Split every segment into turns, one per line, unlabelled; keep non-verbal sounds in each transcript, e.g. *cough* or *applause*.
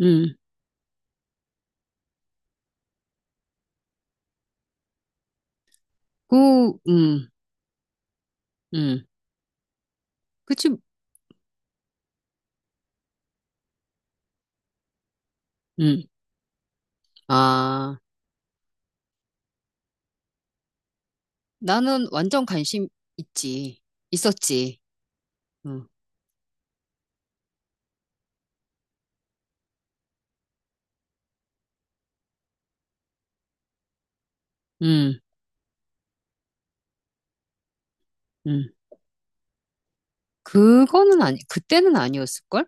음. 그, 음, 음, 그치. 음. 아, 나는 완전 관심 있지, 있었지. 음. 음. 음. 그거는 아니, 그때는 아니었을걸?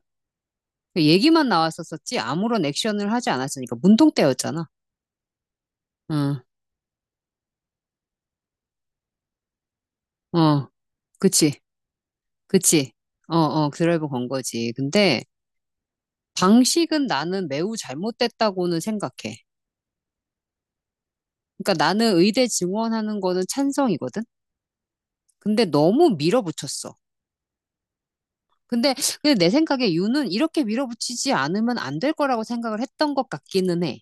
얘기만 나왔었었지. 아무런 액션을 하지 않았으니까. 문동 때였잖아. 응. 어. 그치, 그치. 어, 어, 드라이브 건 거지. 방식은 나는 매우 잘못됐다고는 생각해. 그러니까 나는 의대 증원하는 거는 찬성이거든? 근데 너무 밀어붙였어. 근데, 근데 내 생각에 유는 이렇게 밀어붙이지 않으면 안 될 거라고 생각을 했던 것 같기는 해.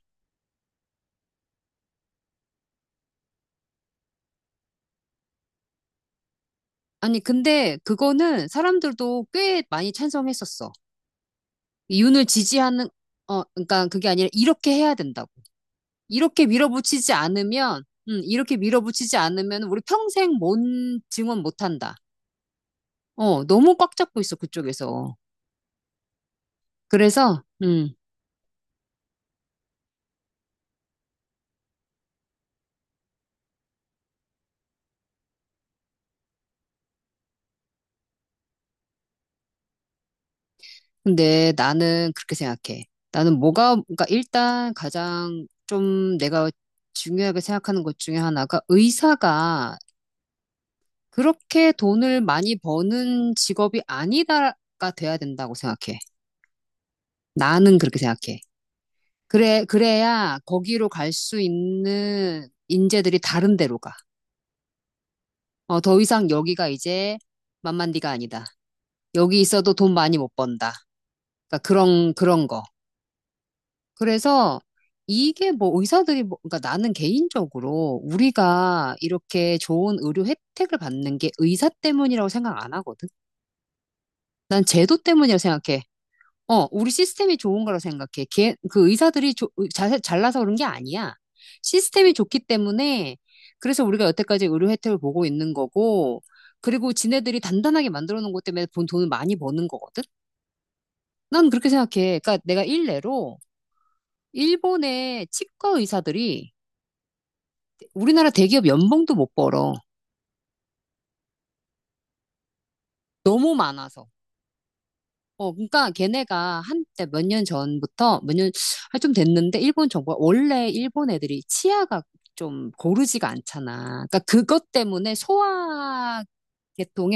아니, 근데 그거는 사람들도 꽤 많이 찬성했었어. 윤을 지지하는, 어, 그러니까 그게 아니라 이렇게 해야 된다고. 이렇게 밀어붙이지 않으면 우리 평생 뭔 증언 못 한다. 어, 너무 꽉 잡고 있어, 그쪽에서. 그래서, 음. 근데 나는 그렇게 생각해. 그러니까 일단 가장 좀 내가 중요하게 생각하는 것 중에 하나가, 의사가 그렇게 돈을 많이 버는 직업이 아니다가 돼야 된다고 생각해. 나는 그렇게 생각해. 그래, 그래야 거기로 갈 수 있는 인재들이 다른 데로 가. 어, 더 이상 여기가 이제 만만디가 아니다. 여기 있어도 돈 많이 못 번다. 그러니까 그런 거. 그래서 이게 그러니까 나는 개인적으로 우리가 이렇게 좋은 의료 혜택을 받는 게 의사 때문이라고 생각 안 하거든. 난 제도 때문이라고 생각해. 어, 우리 시스템이 좋은 거라고 생각해. 걔, 그 의사들이 잘나서 그런 게 아니야. 시스템이 좋기 때문에 그래서 우리가 여태까지 의료 혜택을 보고 있는 거고, 그리고 지네들이 단단하게 만들어 놓은 것 때문에 본 돈을 많이 버는 거거든. 난 그렇게 생각해. 그러니까 내가 일례로 일본의 치과 의사들이 우리나라 대기업 연봉도 못 벌어. 너무 많아서. 어, 그러니까 걔네가 한 때 몇 년 전부터 몇 년, 아, 좀 됐는데, 일본 정부가, 원래 일본 애들이 치아가 좀 고르지가 않잖아. 그러니까 그것 때문에 소화계통에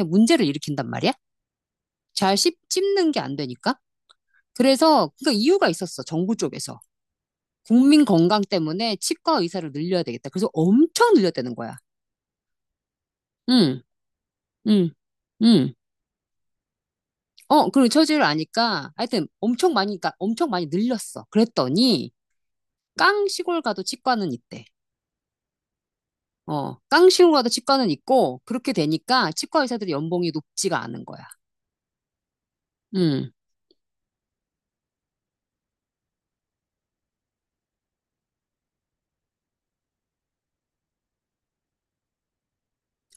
문제를 일으킨단 말이야. 씹는 게 안 되니까. 그래서 그 이유가 있었어. 정부 쪽에서. 국민 건강 때문에 치과 의사를 늘려야 되겠다. 그래서 엄청 늘렸다는 거야. 응, 응, 응. 어, 그리고 처지를 아니까 하여튼 엄청 많이, 그러니까 엄청 많이 늘렸어. 그랬더니 깡 시골 가도 치과는 있대. 어, 깡 시골 가도 치과는 있고, 그렇게 되니까 치과 의사들이 연봉이 높지가 않은 거야. 음.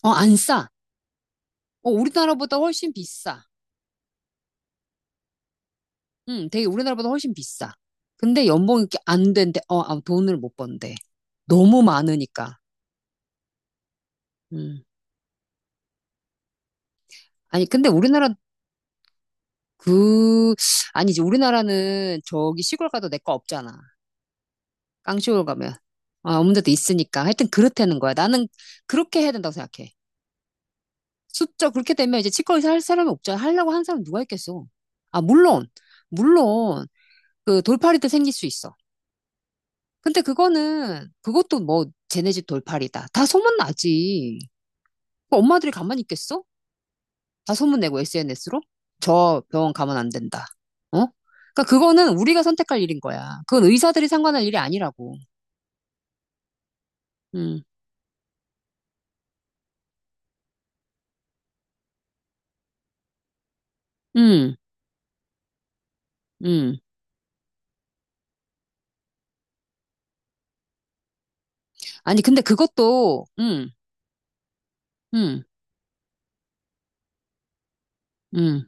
어, 안 싸. 어, 우리나라보다 훨씬 비싸. 되게 우리나라보다 훨씬 비싸. 근데 연봉이 이렇게 안 된대. 돈을 못 번대. 너무 많으니까. 음. 아니 근데 우리나라 그 아니 이제 우리나라는 저기 시골 가도 내 거 없잖아. 깡쇼홀 가면. 아, 없는 데도 있으니까. 하여튼 그렇다는 거야. 나는 그렇게 해야 된다고 생각해. 숫자 그렇게 되면 이제 치과 의사 할 사람이 없잖아. 하려고 한 사람 누가 있겠어. 아, 물론, 물론, 그 돌팔이도 생길 수 있어. 근데 그것도 뭐, 쟤네 집 돌팔이다. 다 소문나지. 그 엄마들이 가만히 있겠어? 다 소문내고 SNS로? 저 병원 가면 안 된다. 어? 그러니까 그거는 우리가 선택할 일인 거야. 그건 의사들이 상관할 일이 아니라고. 음, 음, 음. 아니, 근데 그것도, 음, 음,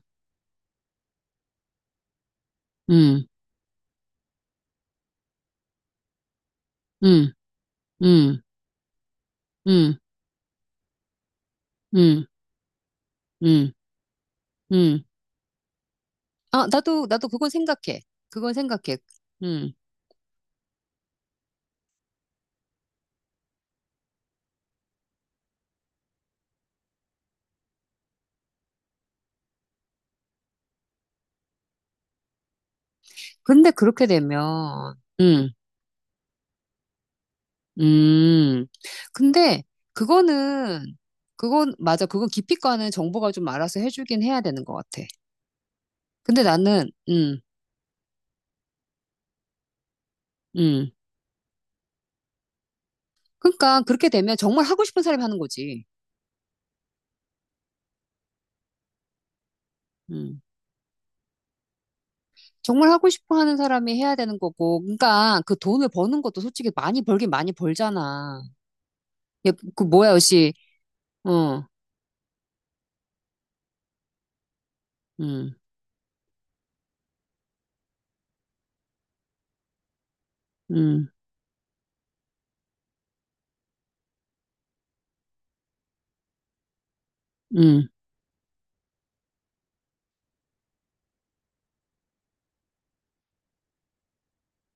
음, 음, 음, 음, 음, 음, 음, 아, 나도, 나도 그건 생각해. 그건 생각해. 음. 근데 그렇게 되면, 음, 음. 근데 그거는, 맞아. 그건 기피과는 정보가 좀 알아서 해주긴 해야 되는 것 같아. 근데 나는, 음, 음. 그러니까 그렇게 되면 정말 하고 싶은 사람이 하는 거지. 음. 정말 하고 싶어 하는 사람이 해야 되는 거고. 그러니까 그 돈을 버는 것도 솔직히 많이 벌긴 많이 벌잖아. 예, 그 뭐야, 역시. 어, 음. 음. 음.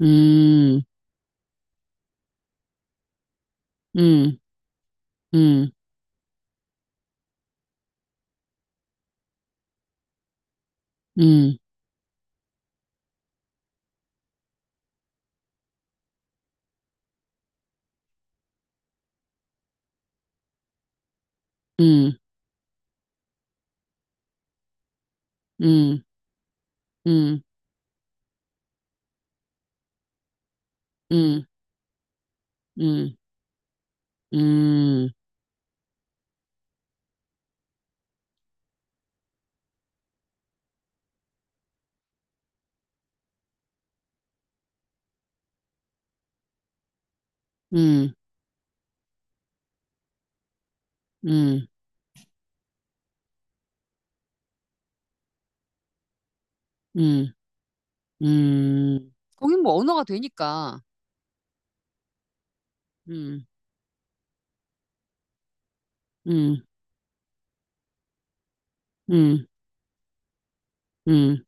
음. 음. 음. 음. 음. 음. 음. 음. 음. 음. 음. 음. 음. 음. 거긴 뭐 언어가 되니까. 음. 음. 음. 음.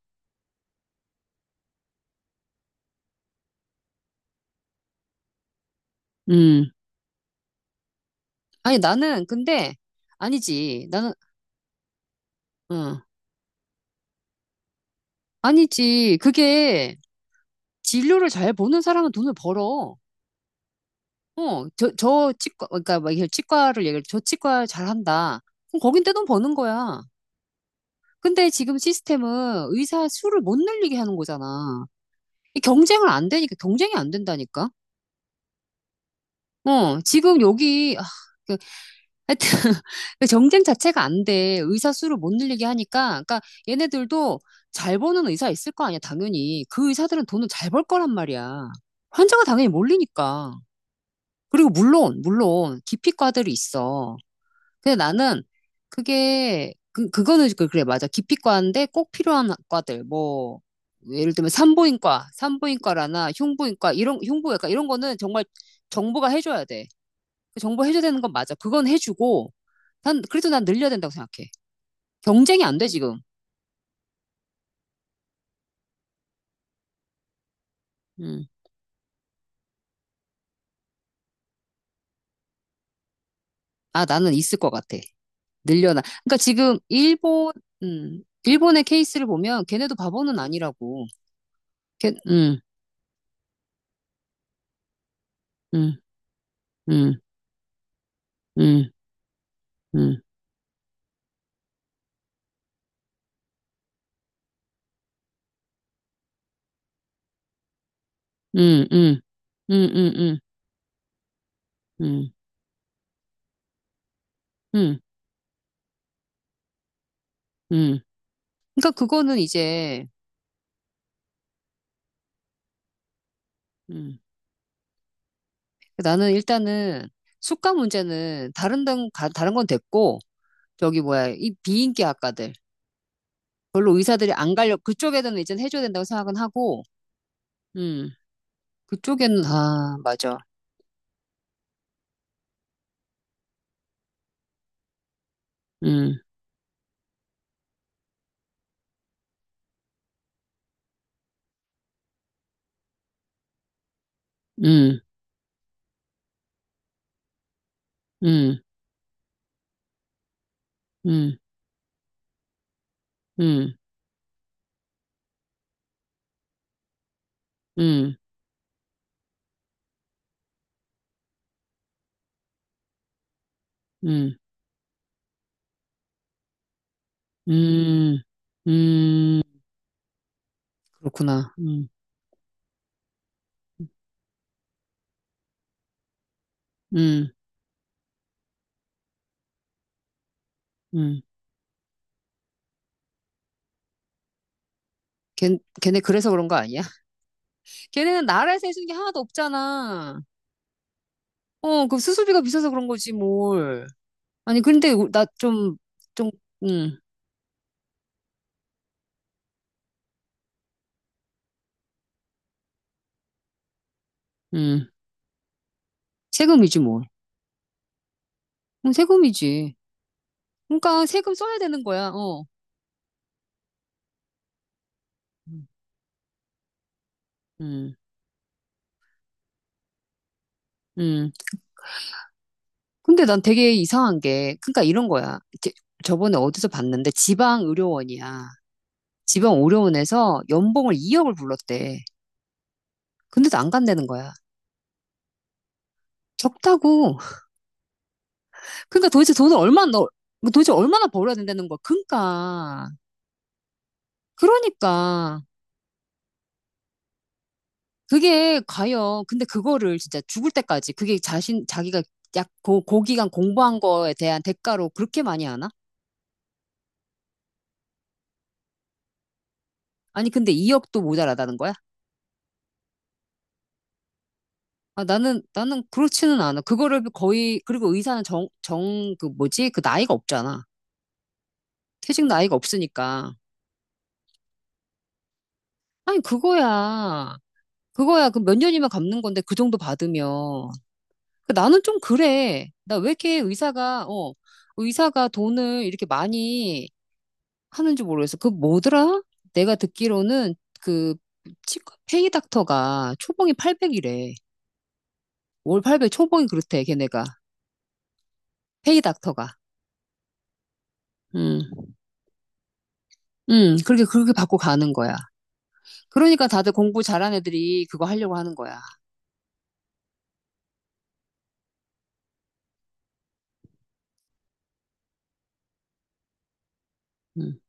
음. 아니, 나는 아니지. 나는, 어. 아니지. 그게, 진료를 잘 보는 사람은 돈을 벌어. 그러니까 막 이게 치과 잘한다. 그럼 거긴 떼돈 버는 거야. 근데 지금 시스템은 의사 수를 못 늘리게 하는 거잖아. 이 경쟁을 안 되니까, 경쟁이 안 된다니까. 어, 지금 여기, 아, 그, 하여튼, *laughs* 그 경쟁 자체가 안 돼. 의사 수를 못 늘리게 하니까. 그러니까 얘네들도 잘 버는 의사 있을 거 아니야, 당연히. 그 의사들은 돈을 잘 벌 거란 말이야. 환자가 당연히 몰리니까. 그리고 물론, 기피과들이 있어. 근데 나는 그게, 그, 그거는, 그- 그래, 맞아. 기피과인데 꼭 필요한 과들, 뭐, 예를 들면 산부인과라나 흉부외과, 이런 거는 정말 정부가 해줘야 돼. 정부가 해줘야 되는 건 맞아. 그건 해주고, 그래도 난 늘려야 된다고 생각해. 경쟁이 안 돼, 지금. 음. 아, 나는 있을 것 같아. 늘려나. 그러니까 일본의 케이스를 보면 걔네도 바보는 아니라고. 걔, 음, 음, 음. 음. 음. 음. 음. 음. 음. 음. 음. 음. 음. 그러니까 그거는 이제 음. 나는 일단은 숙가 문제는 다른 건 됐고, 저기 뭐야, 이 비인기 학과들 별로 의사들이 안 갈려, 그쪽에는 이제 해줘야 된다고 생각은 하고. 음. 그쪽에는 아 맞아. 음. 음. 음. 음. 음. 음. 음. 음. 음. 그렇구나. 음. 음. 음. 걔 걔네 그래서 그런 거 아니야? 걔네는 나라에서 해주는 게 하나도 없잖아. 어, 그 수수비가 비싸서 그런 거지, 뭘. 아니, 근데 나 좀, 좀, 음, 음. 세금이지, 뭘. 세금이지. 그러니까 세금 써야 되는 거야, 어. 음. 음. 음. 근데 난 되게 이상한 게, 그러니까 이런 거야. 제- 저번에 어디서 봤는데 지방 의료원이야. 지방 의료원에서 연봉을 2억을 불렀대. 근데도 안 간다는 거야. 적다고. 그러니까 도대체 얼마나 벌어야 된다는 거야. 그러니까. 그러니까 그게 과연, 근데 그거를 진짜 죽을 때까지 그게 자신 자기가 약 고기간 공부한 거에 대한 대가로 그렇게 많이 하나? 아니 근데 2억도 모자라다는 거야? 아 나는 그렇지는 않아. 그거를 거의. 그리고 의사는 정 정 그 뭐지? 그 나이가 없잖아. 퇴직 나이가 없으니까. 아니 그거야. 그거야. 그 몇 년이면 갚는 건데 그 정도 받으면, 그 나는 좀 그래. 나 왜 이렇게 의사가, 어, 의사가 돈을 이렇게 많이 하는지 모르겠어. 그 뭐더라? 내가 듣기로는 그 치과 페이 닥터가 초봉이 800이래. 월 800 초봉이 그렇대, 걔네가. 페이 닥터가. 음. 그렇게 그렇게 받고 가는 거야. 그러니까 다들 공부 잘한 애들이 그거 하려고 하는 거야. 음.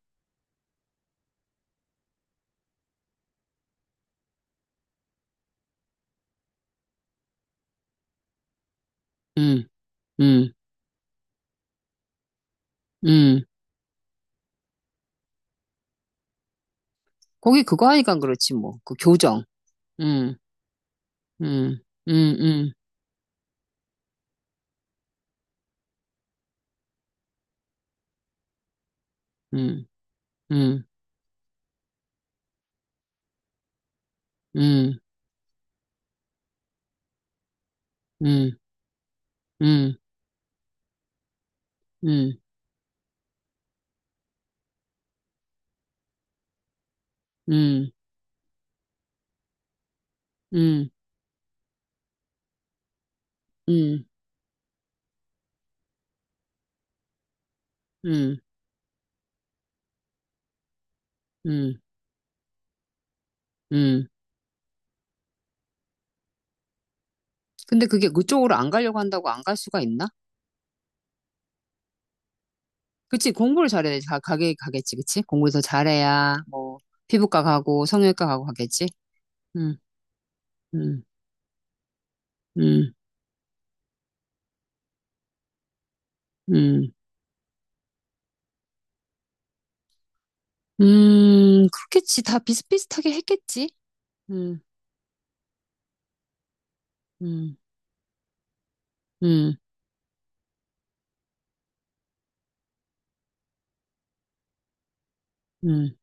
음. 음. 음. 거기 그거 하니까 그렇지 뭐. 그 교정. 음. 음. 음. 음. 음. 음. 음. 음. 음. 음. 음. 음. 음. 음. 음. 음, 근데 그게 그쪽으로 안 가려고 한다고 안 갈 수가 있나? 그치, 공부를 잘해야 가겠지, 그치? 공부를 더 잘해야, 뭐, 피부과 가고, 성형외과 가고 가겠지? 음. 음. 음. 음. 그렇겠지. 다 비슷비슷하게 했겠지? 음. 음. 음. 음.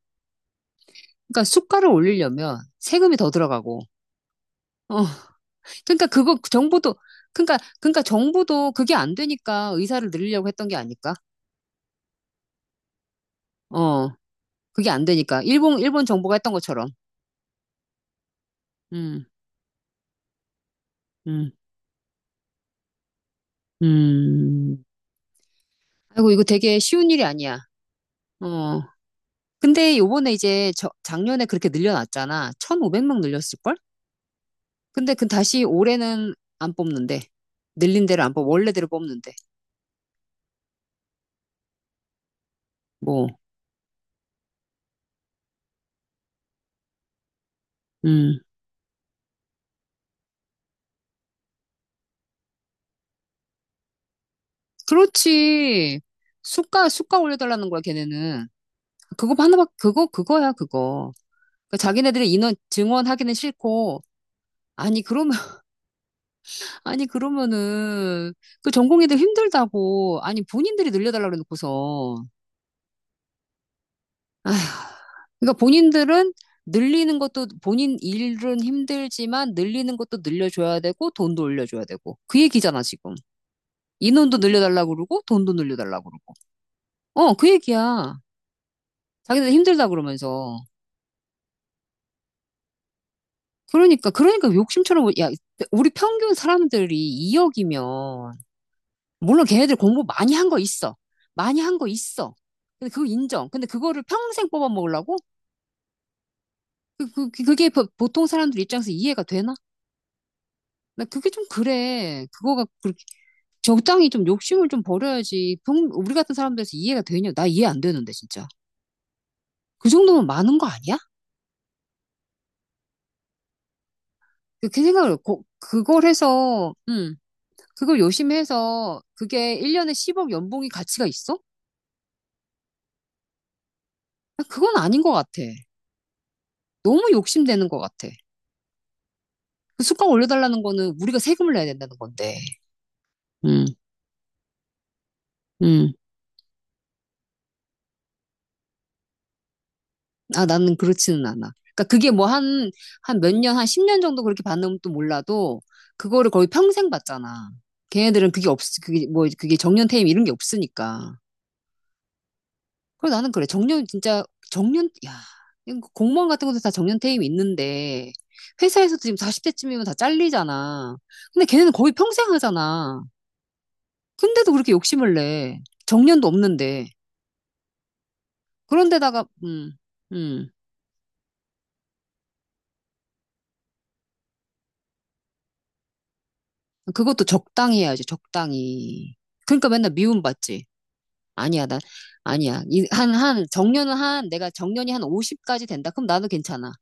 그러니까 수가를 올리려면 세금이 더 들어가고, 어, 그러니까 그러니까 정부도 그게 안 되니까 의사를 늘리려고 했던 게 아닐까? 어, 그게 안 되니까. 일본 정부가 했던 것처럼. 음, 음. 음. 아이고, 이거 되게 쉬운 일이 아니야. 어. 근데 요번에 이제 작년에 그렇게 늘려놨잖아. 1,500명 늘렸을걸? 근데 그 다시 올해는 안 뽑는데. 늘린 대로 안 뽑, 원래대로 뽑는데. 뭐, 음. 그렇지. 수가 올려달라는 거야, 걔네는. 그거야, 그거. 그러니까 자기네들이 인원, 증원하기는 싫고. 아니, 그러면, *laughs* 아니, 그러면은, 그 전공의들 힘들다고. 아니, 본인들이 늘려달라 그래놓고서. 아휴, 그러니까 본인들은 늘리는 것도 본인 일은 힘들지만, 늘리는 것도 늘려줘야 되고, 돈도 올려줘야 되고, 그 얘기잖아 지금. 인원도 늘려달라고 그러고 돈도 늘려달라고 그러고, 어, 그 얘기야. 자기들 힘들다 그러면서. 그러니까 욕심처럼 야, 우리 평균 사람들이 2억이면, 물론 걔네들 공부 많이 한 거 있어, 많이 한 거 있어, 근데 그거 인정. 근데 그거를 평생 뽑아먹으려고 그게 보통 사람들 입장에서 이해가 되나. 나 그게 좀 그래. 그거가 그렇게. 적당히 좀 욕심을 좀 버려야지. 우리 같은 사람들에서 이해가 되냐? 나 이해 안 되는데 진짜. 그 정도면 많은 거 아니야? 그렇게 생각을 그걸 해서 음, 그걸 열심히 해서 그게 1년에 10억 연봉이 가치가 있어? 나 그건 아닌 것 같아. 너무 욕심되는 것 같아. 그 수가 올려달라는 거는 우리가 세금을 내야 된다는 건데. 음, 음. 아, 나는 그렇지는 않아. 그러니까 그게 뭐 한 몇 년, 한 10년 정도 그렇게 받는 것도 몰라도, 그거를 거의 평생 받잖아. 걔네들은 그게 없, 그게 뭐, 그게 정년 퇴임 이런 게 없으니까. 그래서 나는 그래. 야, 이거 공무원 같은 것도 다 정년 퇴임 있는데, 회사에서도 지금 40대쯤이면 다 잘리잖아. 근데 걔네는 거의 평생 하잖아. 근데도 그렇게 욕심을 내. 정년도 없는데. 그런데다가, 음, 음. 그것도 적당히 해야지, 적당히. 그러니까 맨날 미움받지. 아니야, 난, 아니야. 이, 한, 한, 정년은 한, 내가 정년이 한 50까지 된다. 그럼 나도 괜찮아.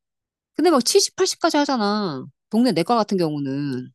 근데 막 70, 80까지 하잖아. 동네 내과 같은 경우는.